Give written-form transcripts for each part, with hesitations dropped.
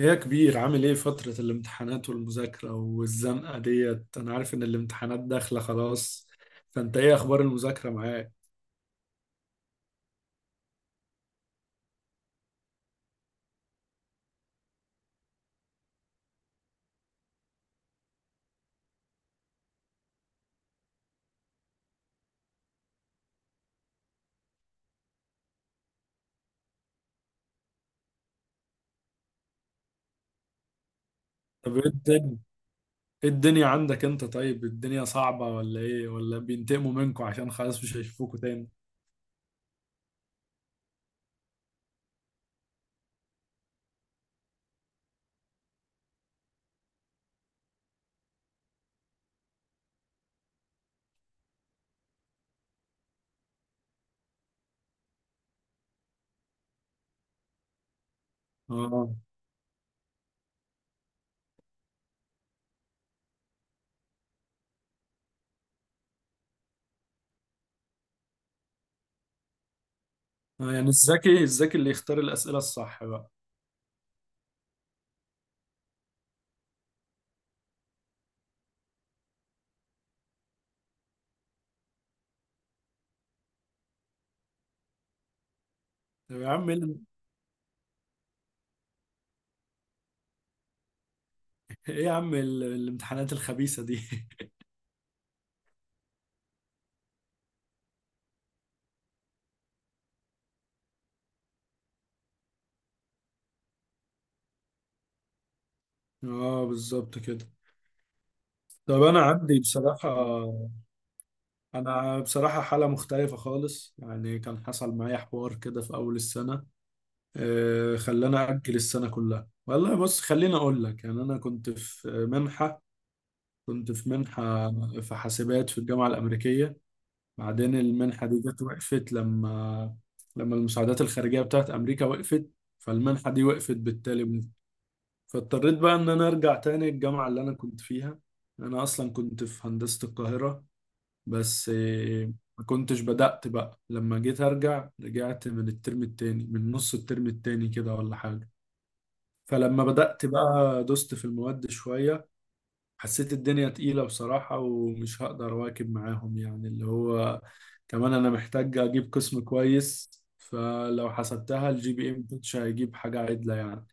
إيه يا كبير، عامل ايه فترة الامتحانات والمذاكرة والزنقة ديت؟ انا عارف ان الامتحانات داخلة خلاص. فانت ايه اخبار المذاكرة معاك؟ طب ايه الدنيا؟ ايه الدنيا عندك انت؟ طيب الدنيا صعبة ولا ايه؟ ولا بينتقموا منكوا عشان خلاص مش هيشوفوكوا تاني؟ اه. يعني الذكي اللي يختار الأسئلة الصح بقى. طب يا عم ايه ال- إيه يا عم الامتحانات الخبيثة دي. اه، بالظبط كده. طب انا عندي بصراحة أنا بصراحة حالة مختلفة خالص. يعني كان حصل معايا حوار كده في أول السنة، خلاني أجل السنة كلها. والله بص خليني أقول لك، يعني أنا كنت في منحة في حاسبات في الجامعة الأمريكية. بعدين المنحة دي جت وقفت لما المساعدات الخارجية بتاعت أمريكا وقفت. فالمنحة دي وقفت بالتالي. فاضطريت بقى إن أنا أرجع تاني الجامعة اللي أنا كنت فيها. أنا أصلا كنت في هندسة القاهرة. بس ما كنتش بدأت بقى. لما جيت أرجع رجعت من الترم التاني، من نص الترم التاني كده ولا حاجة. فلما بدأت بقى دوست في المواد شوية. حسيت الدنيا تقيلة بصراحة ومش هقدر أواكب معاهم، يعني اللي هو كمان أنا محتاج أجيب قسم كويس. فلو حسبتها الجي بي إم مش هيجيب حاجة عدلة يعني.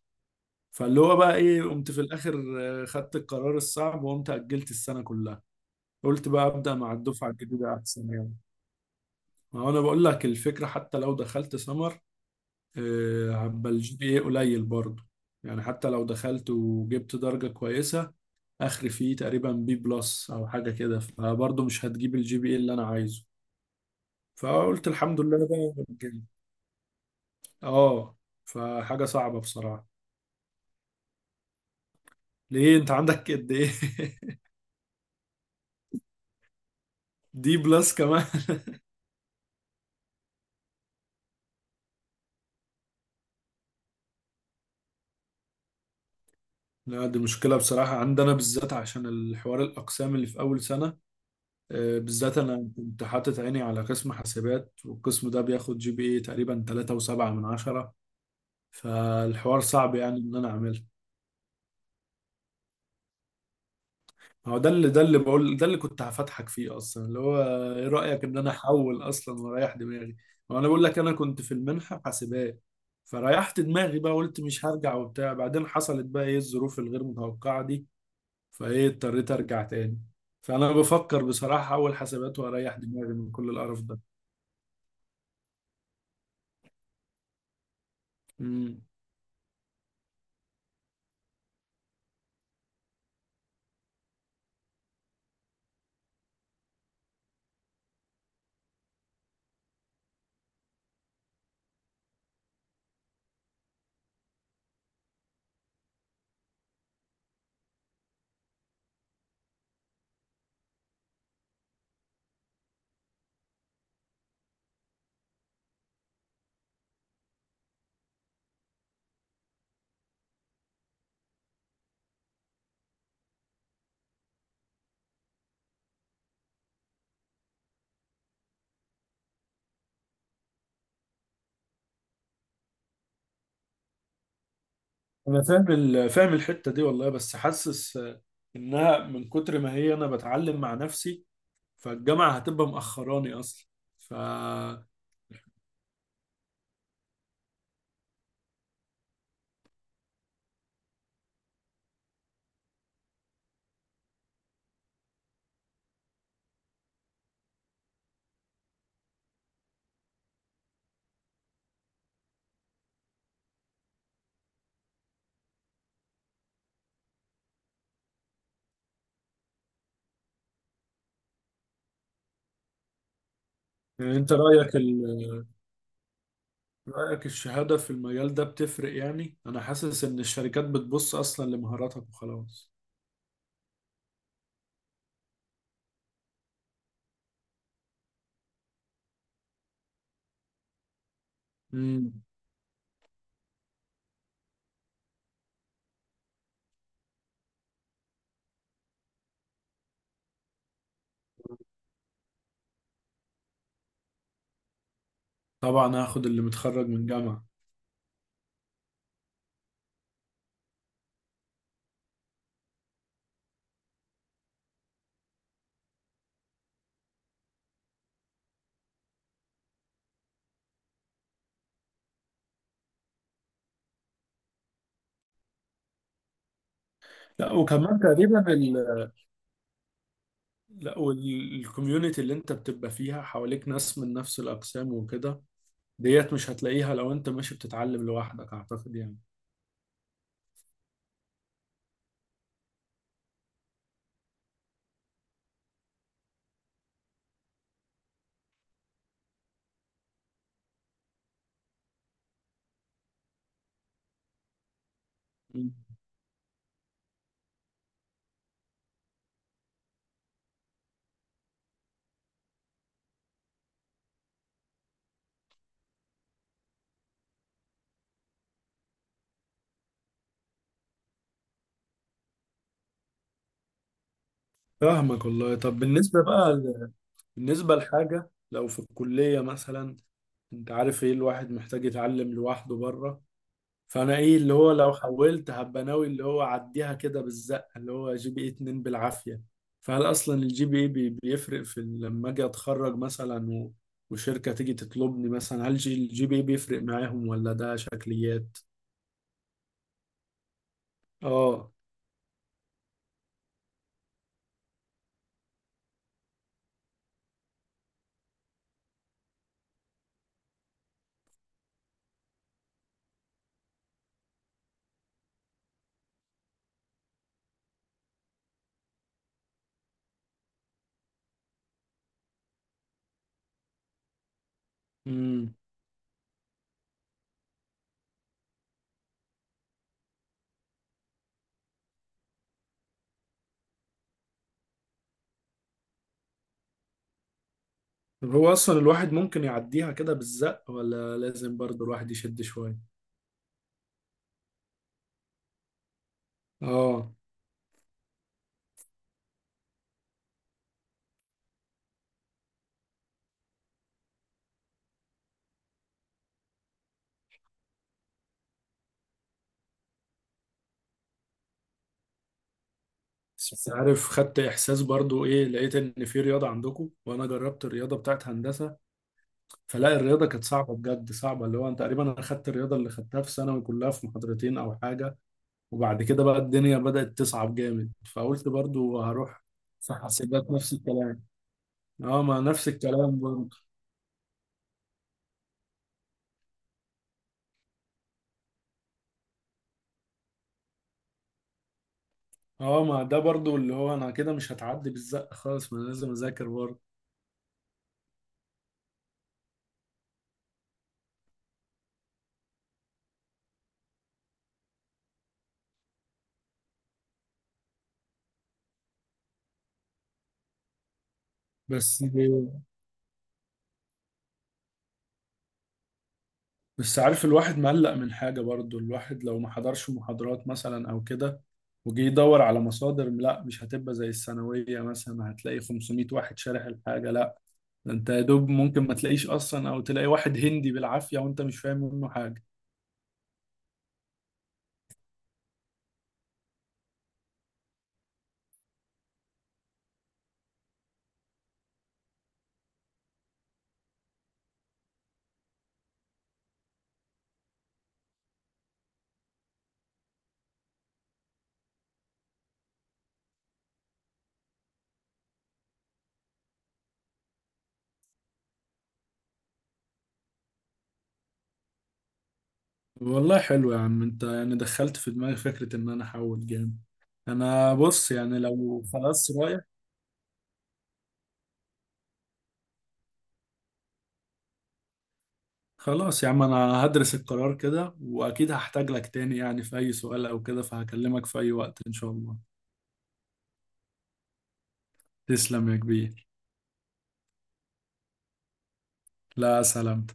فاللي هو بقى إيه، قمت في الآخر خدت القرار الصعب وقمت أجلت السنة كلها. قلت بقى أبدأ مع الدفعة الجديدة أحسن يعني. ما هو انا بقول لك الفكره، حتى لو دخلت سمر هبقى الجي بي اي قليل برضه. يعني حتى لو دخلت وجبت درجه كويسه، اخر فيه تقريبا بي بلس او حاجه كده، فبرضه مش هتجيب الجي بي اي اللي انا عايزه. فقلت الحمد لله بقى رجعت. اه. فحاجه صعبه بصراحه. ليه انت عندك قد ايه؟ دي بلس كمان. لا دي مشكله بصراحه عندنا بالذات عشان الحوار الاقسام اللي في اول سنه. بالذات انا كنت حاطط عيني على قسم حاسبات، والقسم ده بياخد جي بي اي تقريبا 3.7 من 10. فالحوار صعب يعني ان انا اعمله. هو ده اللي بقول، ده اللي كنت هفتحك فيه اصلا، اللي هو ايه رايك ان انا احول اصلا واريح دماغي. هو انا بقول لك انا كنت في المنحه حاسبات. فريحت دماغي بقى، قلت مش هرجع وبتاع. بعدين حصلت بقى ايه الظروف الغير متوقعه دي، فايه اضطريت ارجع تاني. فانا بفكر بصراحه احول حاسبات واريح دماغي من كل القرف ده. انا فاهم فاهم الحته دي والله، بس حاسس انها من كتر ما هي انا بتعلم مع نفسي، فالجامعه هتبقى مأخراني اصلا. ف يعني انت رايك رايك الشهاده في المجال ده بتفرق؟ يعني انا حاسس ان الشركات بتبص اصلا لمهاراتك وخلاص. امم طبعا هاخد اللي متخرج من جامعه. لا وكمان تقريبا لا والكوميونتي اللي انت بتبقى فيها حواليك ناس من نفس الاقسام وكده. ديت مش هتلاقيها لو انت ماشي بتتعلم لوحدك اعتقد يعني. مم. فاهمك والله. طب بالنسبة بقى بالنسبة لحاجة لو في الكلية مثلا. انت عارف ايه الواحد محتاج يتعلم لوحده بره، فانا ايه اللي هو لو حولت هبقى ناوي اللي هو اعديها كده بالزقة، اللي هو جي بي اي 2 بالعافية. فهل اصلا الجي بي اي بيفرق في لما اجي اتخرج مثلا وشركة تيجي تطلبني مثلا، هل الجي بي اي بيفرق معاهم ولا ده شكليات؟ اه. امم طب هو اصلا الواحد ممكن يعديها كده بالزق ولا لازم برضه الواحد يشد شوية؟ اه. بس عارف خدت احساس برضو، ايه، لقيت ان في رياضه عندكم. وانا جربت الرياضه بتاعت هندسه، فلا الرياضه كانت صعبه بجد صعبه. اللي هو انت تقريبا انا خدت الرياضه اللي خدتها في ثانوي كلها في محاضرتين او حاجه. وبعد كده بقى الدنيا بدات تصعب جامد فقلت برضو هروح. في حاسبات نفس الكلام. اه، ما نفس الكلام برضو. اه، ما ده برضو اللي هو انا كده مش هتعدي بالزق خالص، ما أنا لازم اذاكر برضو. بس. بس عارف الواحد مقلق من حاجة برضو. الواحد لو ما حضرش محاضرات مثلا أو كده، وجي يدور على مصادر، لا مش هتبقى زي الثانوية مثلا هتلاقي 500 واحد شارح الحاجة، لا. ده انت يا دوب ممكن ما تلاقيش أصلا أو تلاقي واحد هندي بالعافية وانت مش فاهم منه حاجة. والله حلو يا عم انت، يعني دخلت في دماغي فكرة ان انا احول جامد. انا بص يعني لو خلاص رايح. خلاص يا عم انا هدرس القرار كده، واكيد هحتاج لك تاني يعني في اي سؤال او كده، فهكلمك في اي وقت ان شاء الله. تسلم يا كبير. لا، سلام.